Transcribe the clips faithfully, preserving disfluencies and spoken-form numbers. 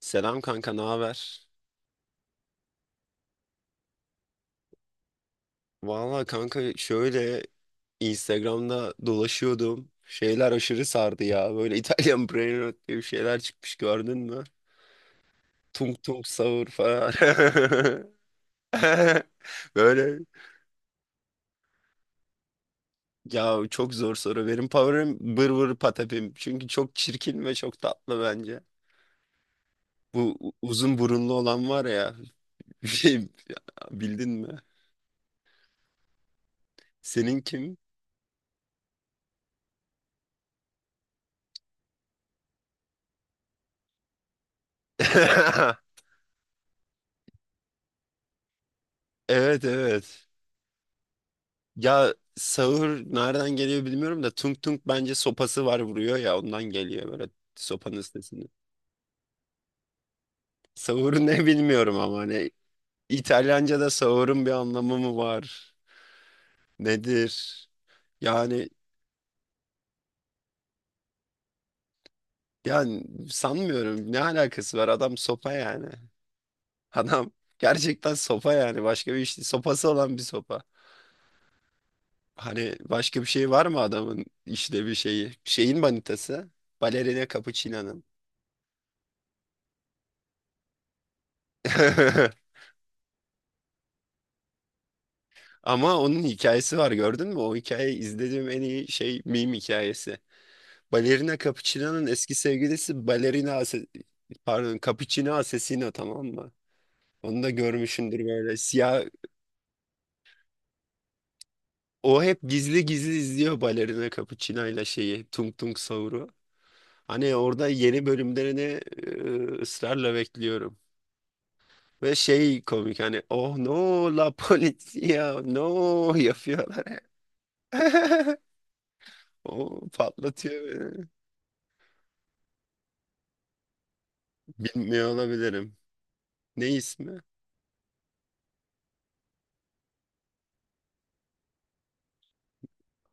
Selam kanka, ne haber? Valla kanka şöyle Instagram'da dolaşıyordum. Şeyler aşırı sardı ya. Böyle İtalyan Brain diye bir şeyler çıkmış, gördün mü? Tung tung sahur falan. Böyle ya, çok zor soru. Benim favorim bır bır patapim. Çünkü çok çirkin ve çok tatlı bence. Bu u- uzun burunlu olan var ya. Şey, bildin mi? Senin kim? Evet, evet. Ya sağır nereden geliyor bilmiyorum da tung tung bence sopası var, vuruyor ya, ondan geliyor böyle sopanın sesini. Sağır ne bilmiyorum, ama hani İtalyanca'da sağırın bir anlamı mı var? Nedir? Yani yani sanmıyorum, ne alakası var, adam sopa yani. Adam gerçekten sopa yani, başka bir işte sopası olan bir sopa. Hani başka bir şey var mı adamın, işte bir şeyi? Şeyin manitası. Balerina Capuchino'nun. Ama onun hikayesi var, gördün mü? O hikayeyi izlediğim en iyi şey meme hikayesi. Balerina Capuchino'nun eski sevgilisi Balerina Ase- pardon, Capuchino Asesino, tamam mı? Onu da görmüşündür, böyle siyah. O hep gizli gizli izliyor Balerina Capuchino ile şeyi, Tung Tung Saur'u. Hani orada yeni bölümlerini e, ısrarla bekliyorum. Ve şey komik, hani oh no la polizia no yapıyorlar. O patlatıyor. Bilmiyor olabilirim. Ne ismi?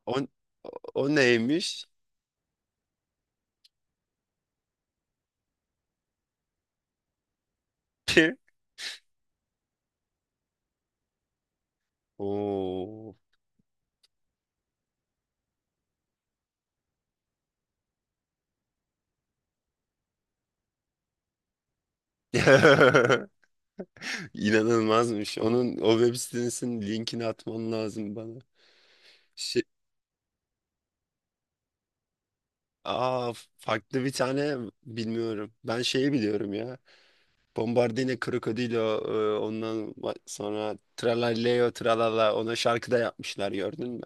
O, o neymiş? Oo. İnanılmazmış. Onun o web sitesinin linkini atman lazım bana. Şey, aa, farklı bir tane bilmiyorum. Ben şeyi biliyorum ya. Bombardino Krokodilo, e, ondan va- sonra Tralaleo Tralala, ona şarkı da yapmışlar, gördün mü?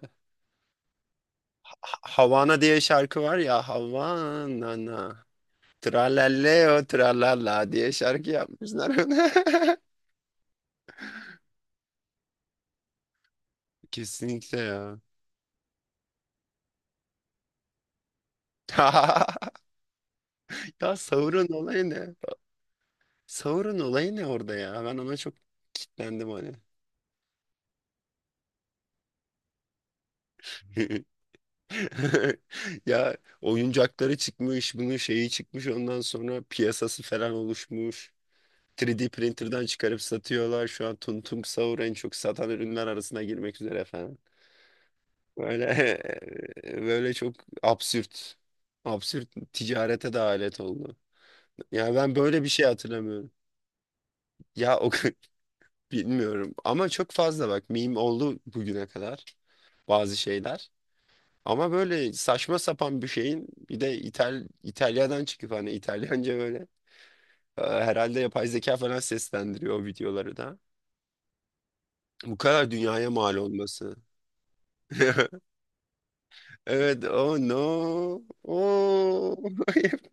Ha- Havana diye şarkı var ya, Havana. Tralalleo tralala diye şarkı yapmışlar ona. Kesinlikle ya. Ya Sauron olayı ne? Sauron olayı ne orada ya? Ben ona çok kitlendim hani. Ya oyuncakları çıkmış, bunun şeyi çıkmış, ondan sonra piyasası falan oluşmuş. üç D printer'dan çıkarıp satıyorlar. Şu an Tuntum Sauron en çok satan ürünler arasına girmek üzere. Böyle böyle çok absürt. Absürt ticarete de alet oldu. Yani ben böyle bir şey hatırlamıyorum. Ya o bilmiyorum, ama çok fazla bak meme oldu bugüne kadar bazı şeyler. Ama böyle saçma sapan bir şeyin, bir de İtal İtalya'dan çıkıp hani İtalyanca böyle e, herhalde yapay zeka falan seslendiriyor o videoları da. Bu kadar dünyaya mal olması. Evet, oh no. Oh.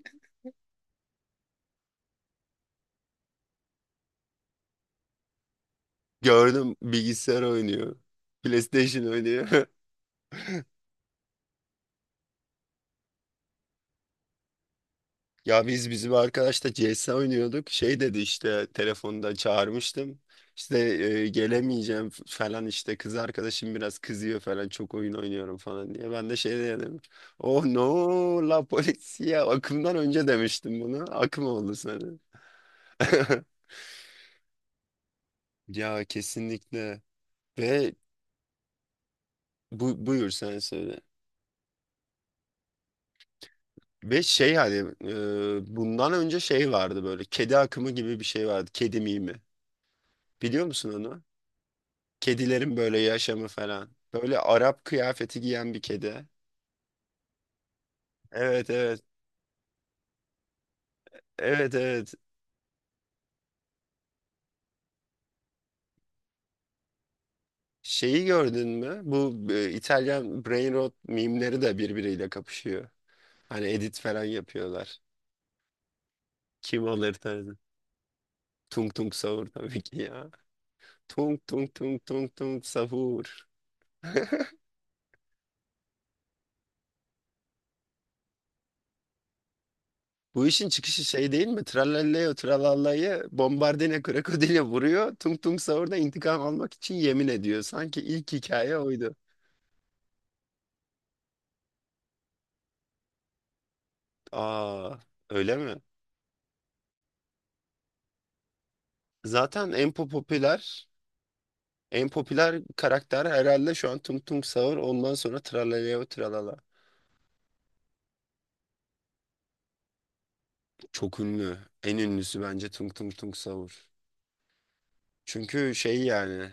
Gördüm, bilgisayar oynuyor. PlayStation oynuyor. Ya biz bizim arkadaşla C S oynuyorduk. Şey dedi, işte telefonda çağırmıştım. İşte e, gelemeyeceğim f- falan, işte kız arkadaşım biraz kızıyor falan, çok oyun oynuyorum falan diye. Ben de şey dedim. Oh no la polizia akımdan önce demiştim bunu. Akım oldu sana. Ya kesinlikle. Ve bu, buyur sen söyle. Ve şey hani e, bundan önce şey vardı, böyle kedi akımı gibi bir şey vardı. Kedi mimi. Biliyor musun onu? Kedilerin böyle yaşamı falan. Böyle Arap kıyafeti giyen bir kedi. Evet, evet. Evet, evet. Şeyi gördün mü? Bu e, İtalyan brain rot mimleri de birbiriyle kapışıyor. Hani edit falan yapıyorlar. Kim alır tarzı. Tung tung sahur tabii ki ya. Tung tung tung tung tung sahur. Bu işin çıkışı şey değil mi? Trallalleo tralallayı bombardine krokodile vuruyor. Tung Tung Sahur'da intikam almak için yemin ediyor. Sanki ilk hikaye oydu. Aa, öyle mi? Zaten en po- popüler en popüler karakter herhalde şu an Tung Tung Sahur. Ondan sonra Trallalleo tralala. Çok ünlü. En ünlüsü bence Tung Tung Tung Sahur. Çünkü şey yani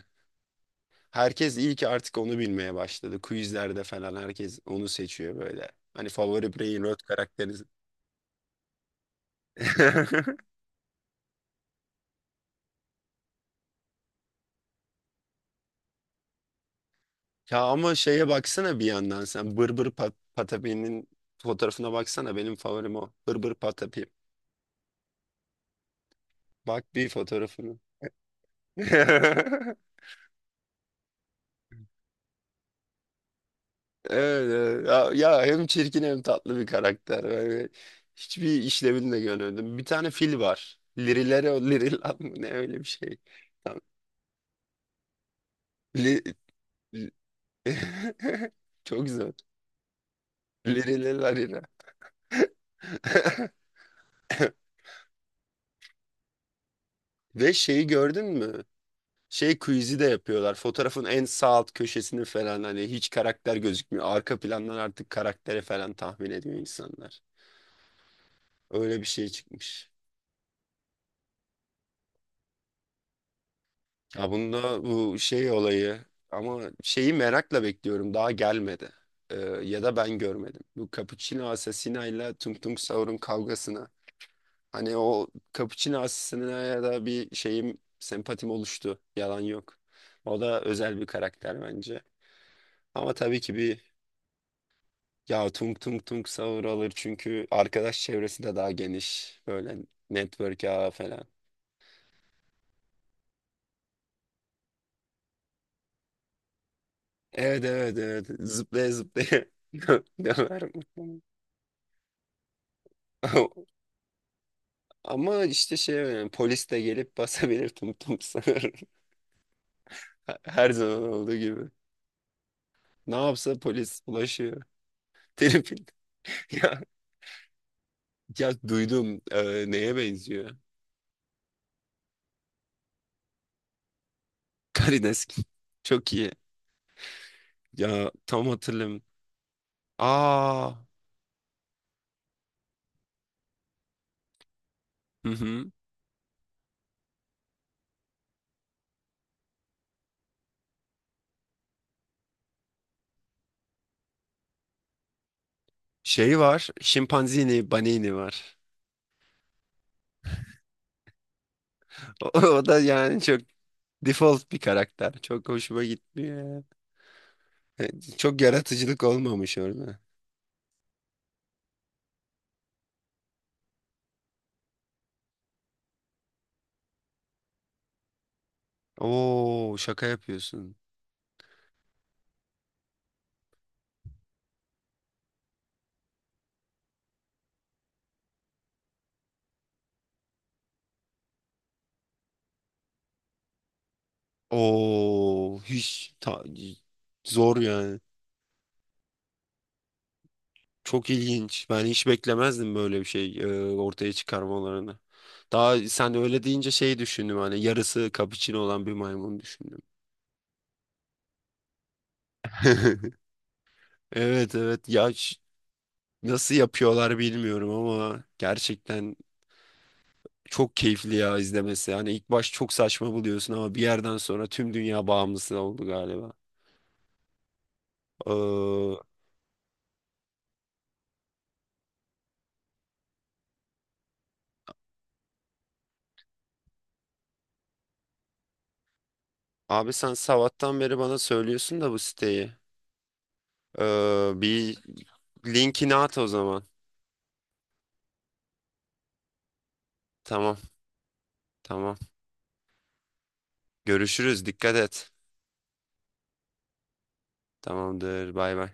herkes iyi ki artık onu bilmeye başladı. Quizlerde falan herkes onu seçiyor böyle. Hani favori Brain Rot karakteri. Ya ama şeye baksana, bir yandan sen Bırbır Pat Patapi'nin fotoğrafına baksana, benim favorim o. Bırbır Patapi. Bak bir fotoğrafını. Evet, evet. Ya, ya hem çirkin hem tatlı bir karakter. Yani hiçbir işlevini de görmedim. Bir tane fil var. Lirilere Lirilan mı ne, öyle bir şey. Tam- Li- li- Çok güzel. Lirilelarina. Ve şeyi gördün mü? Şey quiz'i de yapıyorlar. Fotoğrafın en sağ alt köşesini falan, hani hiç karakter gözükmüyor. Arka plandan artık karaktere falan tahmin ediyor insanlar. Öyle bir şey çıkmış. Ya bunda bu şey olayı, ama şeyi merakla bekliyorum. Daha gelmedi. Ee, ya da ben görmedim. Bu Cappuccino Assassina ile Tung Tung Saur'un kavgasına. Hani o Cappuccino Assassina'ya da bir şeyim, sempatim oluştu. Yalan yok. O da özel bir karakter bence. Ama tabii ki bir. Ya tung tung tung sahur alır, çünkü arkadaş çevresi de daha geniş. Böyle network ağı falan. Evet, evet, evet, zıplaya zıplaya döver muhtemelen. Ama işte şey yani, polis de gelip basabilir tum tum sahur. Her zaman olduğu gibi. Ne yapsa polis ulaşıyor. Telefon. Ya, ya duydum, e, neye benziyor? Karidesk. Çok iyi. Ya tam hatırlamıyorum. Aa. Hı hı. Şey var. Şimpanzini, banini var. O, o da yani çok default bir karakter. Çok hoşuma gitmiyor ya. Çok yaratıcılık olmamış orada. Oo şaka yapıyorsun. Oo hiç ta- zor yani. Çok ilginç. Ben hiç beklemezdim böyle bir şey e, ortaya çıkarmalarını. Daha sen öyle deyince şey düşündüm, hani yarısı kapıçino olan bir maymun düşündüm. Evet evet ya ş- nasıl yapıyorlar bilmiyorum, ama gerçekten çok keyifli ya izlemesi. Hani ilk baş çok saçma buluyorsun, ama bir yerden sonra tüm dünya bağımlısı oldu galiba. Ee, abi sen sabahtan beri bana söylüyorsun da bu siteyi. Ee, bir linkini at o zaman. Tamam, tamam. Görüşürüz. Dikkat et. Tamamdır. Bay bay.